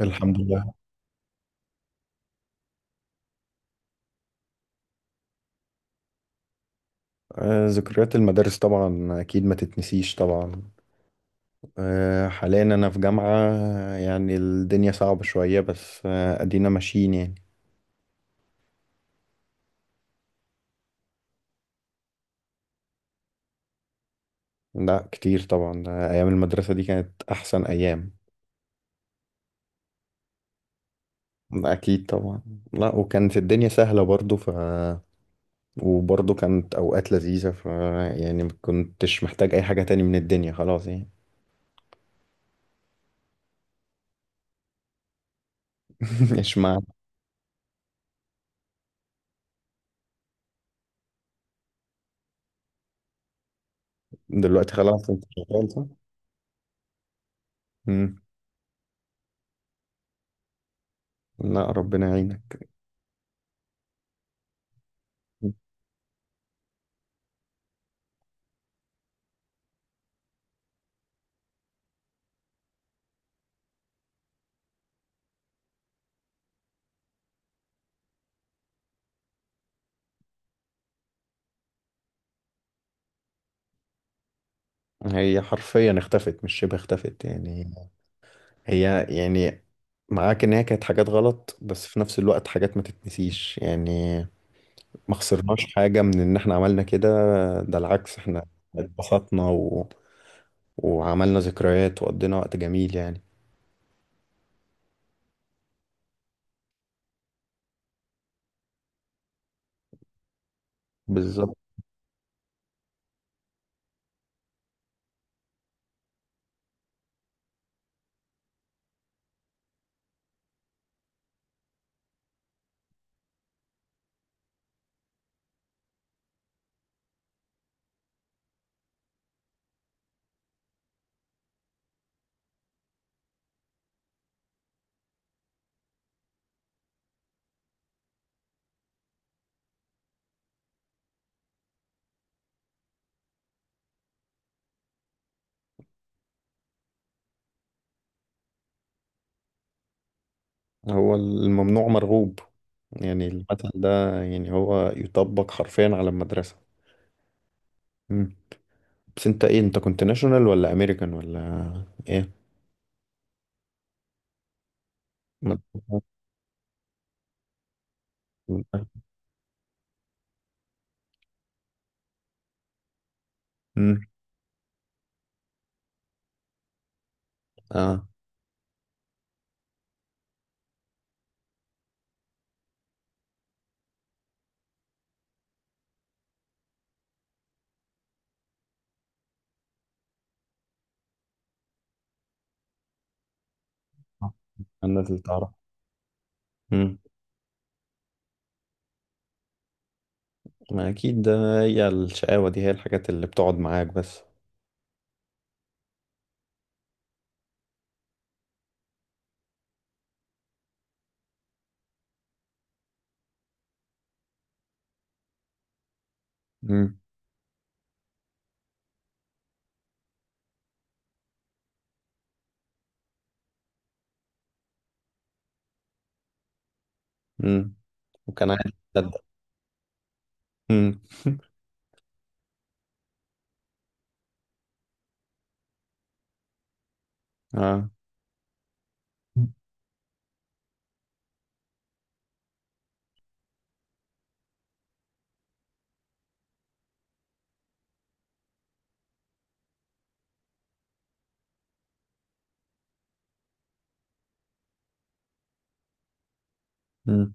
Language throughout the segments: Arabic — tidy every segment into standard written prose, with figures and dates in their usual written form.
الحمد لله. ذكريات المدارس طبعا أكيد ما تتنسيش طبعا. حاليا أنا في جامعة. يعني الدنيا صعبة شوية، بس أدينا ماشيين يعني. لا، كتير طبعا. أيام المدرسة دي كانت أحسن أيام. أكيد طبعا. لا، وكانت الدنيا سهلة برضو وبرضو كانت أوقات لذيذة يعني ما كنتش محتاج أي حاجة تاني من الدنيا، خلاص يعني. إيش معنى؟ دلوقتي خلاص، أنت شغال صح؟ مم. لا، ربنا يعينك. هي حرفيا اختفت، مش شبه اختفت يعني. هي يعني معاك ان هي كانت حاجات غلط، بس في نفس الوقت حاجات ما تتنسيش يعني. ما خسرناش حاجة من ان احنا عملنا كده. ده العكس، احنا اتبسطنا وعملنا ذكريات وقضينا وقت جميل يعني. بالظبط. هو الممنوع مرغوب، يعني المثل ده. يعني هو يطبق حرفيا على المدرسة. مم. بس انت كنت ناشونال ولا امريكان ولا ايه؟ مدرسة- مم. اه. الناس اللي تعرف. امم. ما اكيد ده. هي الشقاوة دي، هي الحاجات اللي بتقعد معاك بس. امم. امم. وكان عادي تصدق؟ امم. اه. امم.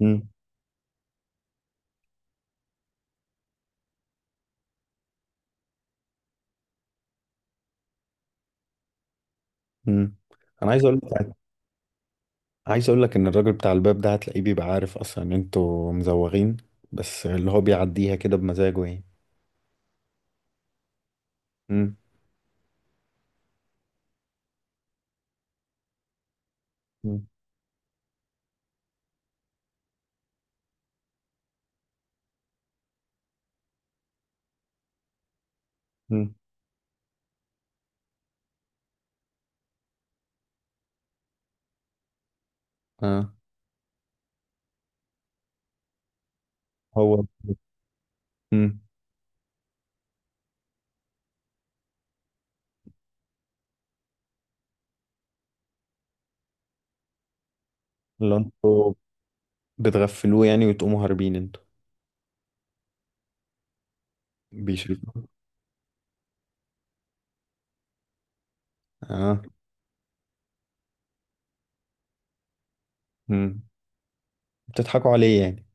امم. امم. انا عايز اقول لك. عايز اقول لك ان الراجل بتاع الباب ده، هتلاقيه بيبقى عارف اصلا ان انتوا مزوغين. بس اللي هو بيعديها كده بمزاجه يعني. امم. امم. امم. اه، هو. امم. اللي انتوا بتغفلوه يعني، وتقوموا هاربين انتوا؟ بيشربوا. اه. امم. بتضحكوا عليه يعني.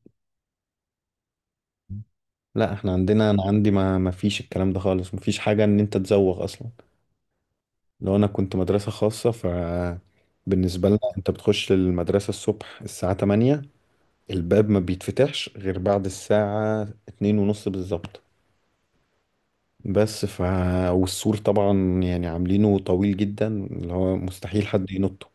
لا، احنا عندنا انا عندي ما فيش الكلام ده خالص، ما فيش حاجه ان انت تزوغ اصلا. لو انا كنت مدرسه خاصه بالنسبه لنا، انت بتخش المدرسه الصبح الساعه 8. الباب ما بيتفتحش غير بعد الساعه 2 ونص بالظبط. بس والسور طبعا يعني عاملينه طويل جدا، اللي هو مستحيل حد ينطه.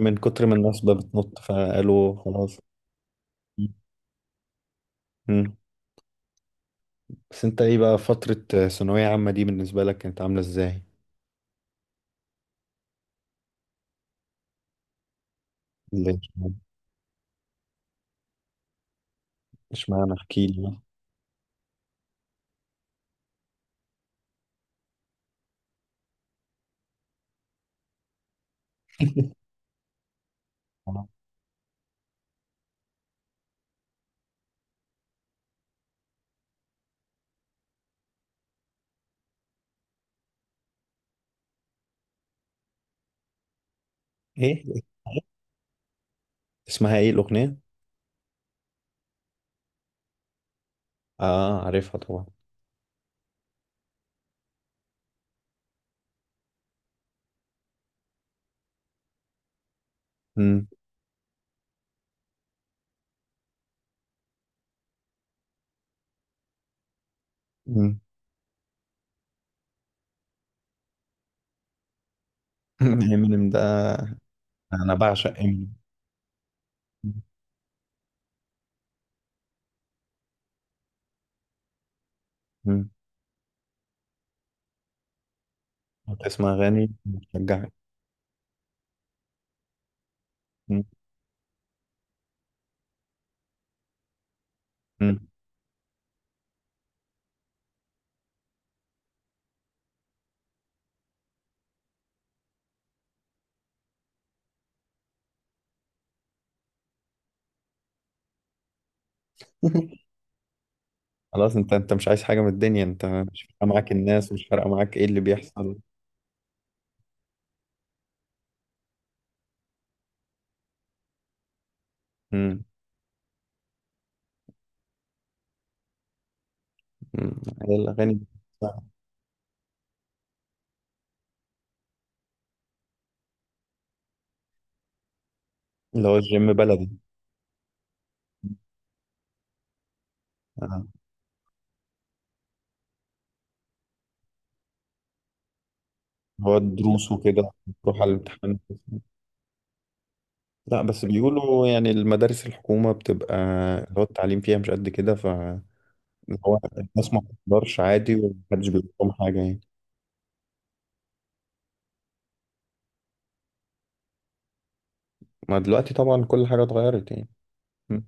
من كتر ما الناس بقى بتنط، فقالوا خلاص. مم. بس انت ايه بقى، فتره ثانويه عامه دي بالنسبه لك كانت عامله ازاي؟ ليه؟ اشمعنى، احكي لي. ايه؟ اسمها ايه الاغنيه؟ اه، عارفها طبعا. امم. امم. امينيم ده؟ انا بعشق امينيم. امم. تسمع اغاني بتشجعك؟ مم. مم. خلاص، انت مش عايز حاجه من الدنيا، انت مش فارقه معاك الناس، مش فارقه معاك ايه اللي بيحصل. امم. أمم. هي الاغاني دي. اللي هو الجيم بلدي. آه. هو الدروس وكده؟ تروح على الامتحان. لا بس بيقولوا يعني المدارس الحكومه بتبقى، اللي هو التعليم فيها مش قد كده. إن هو الناس ما بتقدرش عادي ومحدش بيقول لهم حاجة يعني. ما دلوقتي طبعا كل حاجة اتغيرت يعني. مم.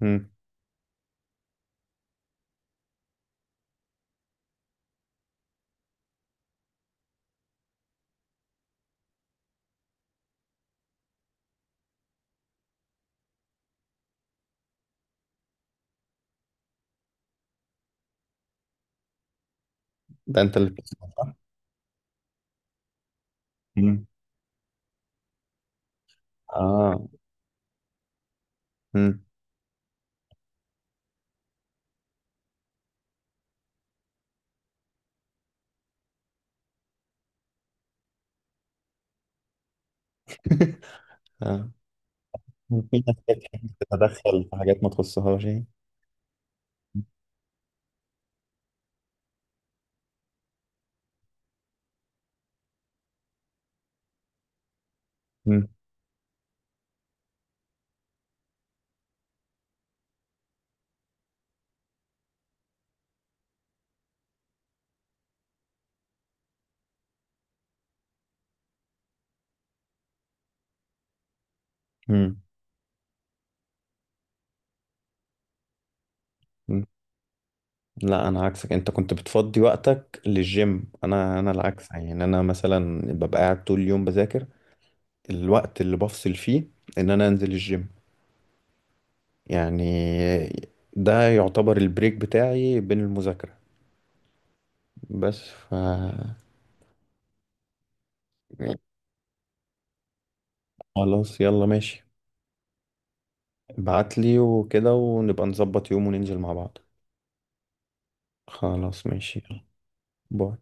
مم. ده انت اللي. مم. اه. مم. اه. في ناس بتحب تتدخل في حاجات ما تخصهاش يعني. مم. مم. مم. لا، انا عكسك، انت كنت بتفضي وقتك للجيم، انا العكس يعني، انا مثلا ببقى قاعد طول اليوم بذاكر. الوقت اللي بفصل فيه، ان انا انزل الجيم، يعني، ده يعتبر البريك بتاعي بين المذاكرة. بس خلاص يلا ماشي. ابعتلي وكده ونبقى نظبط يوم وننزل مع بعض. خلاص، ماشي، يلا باي.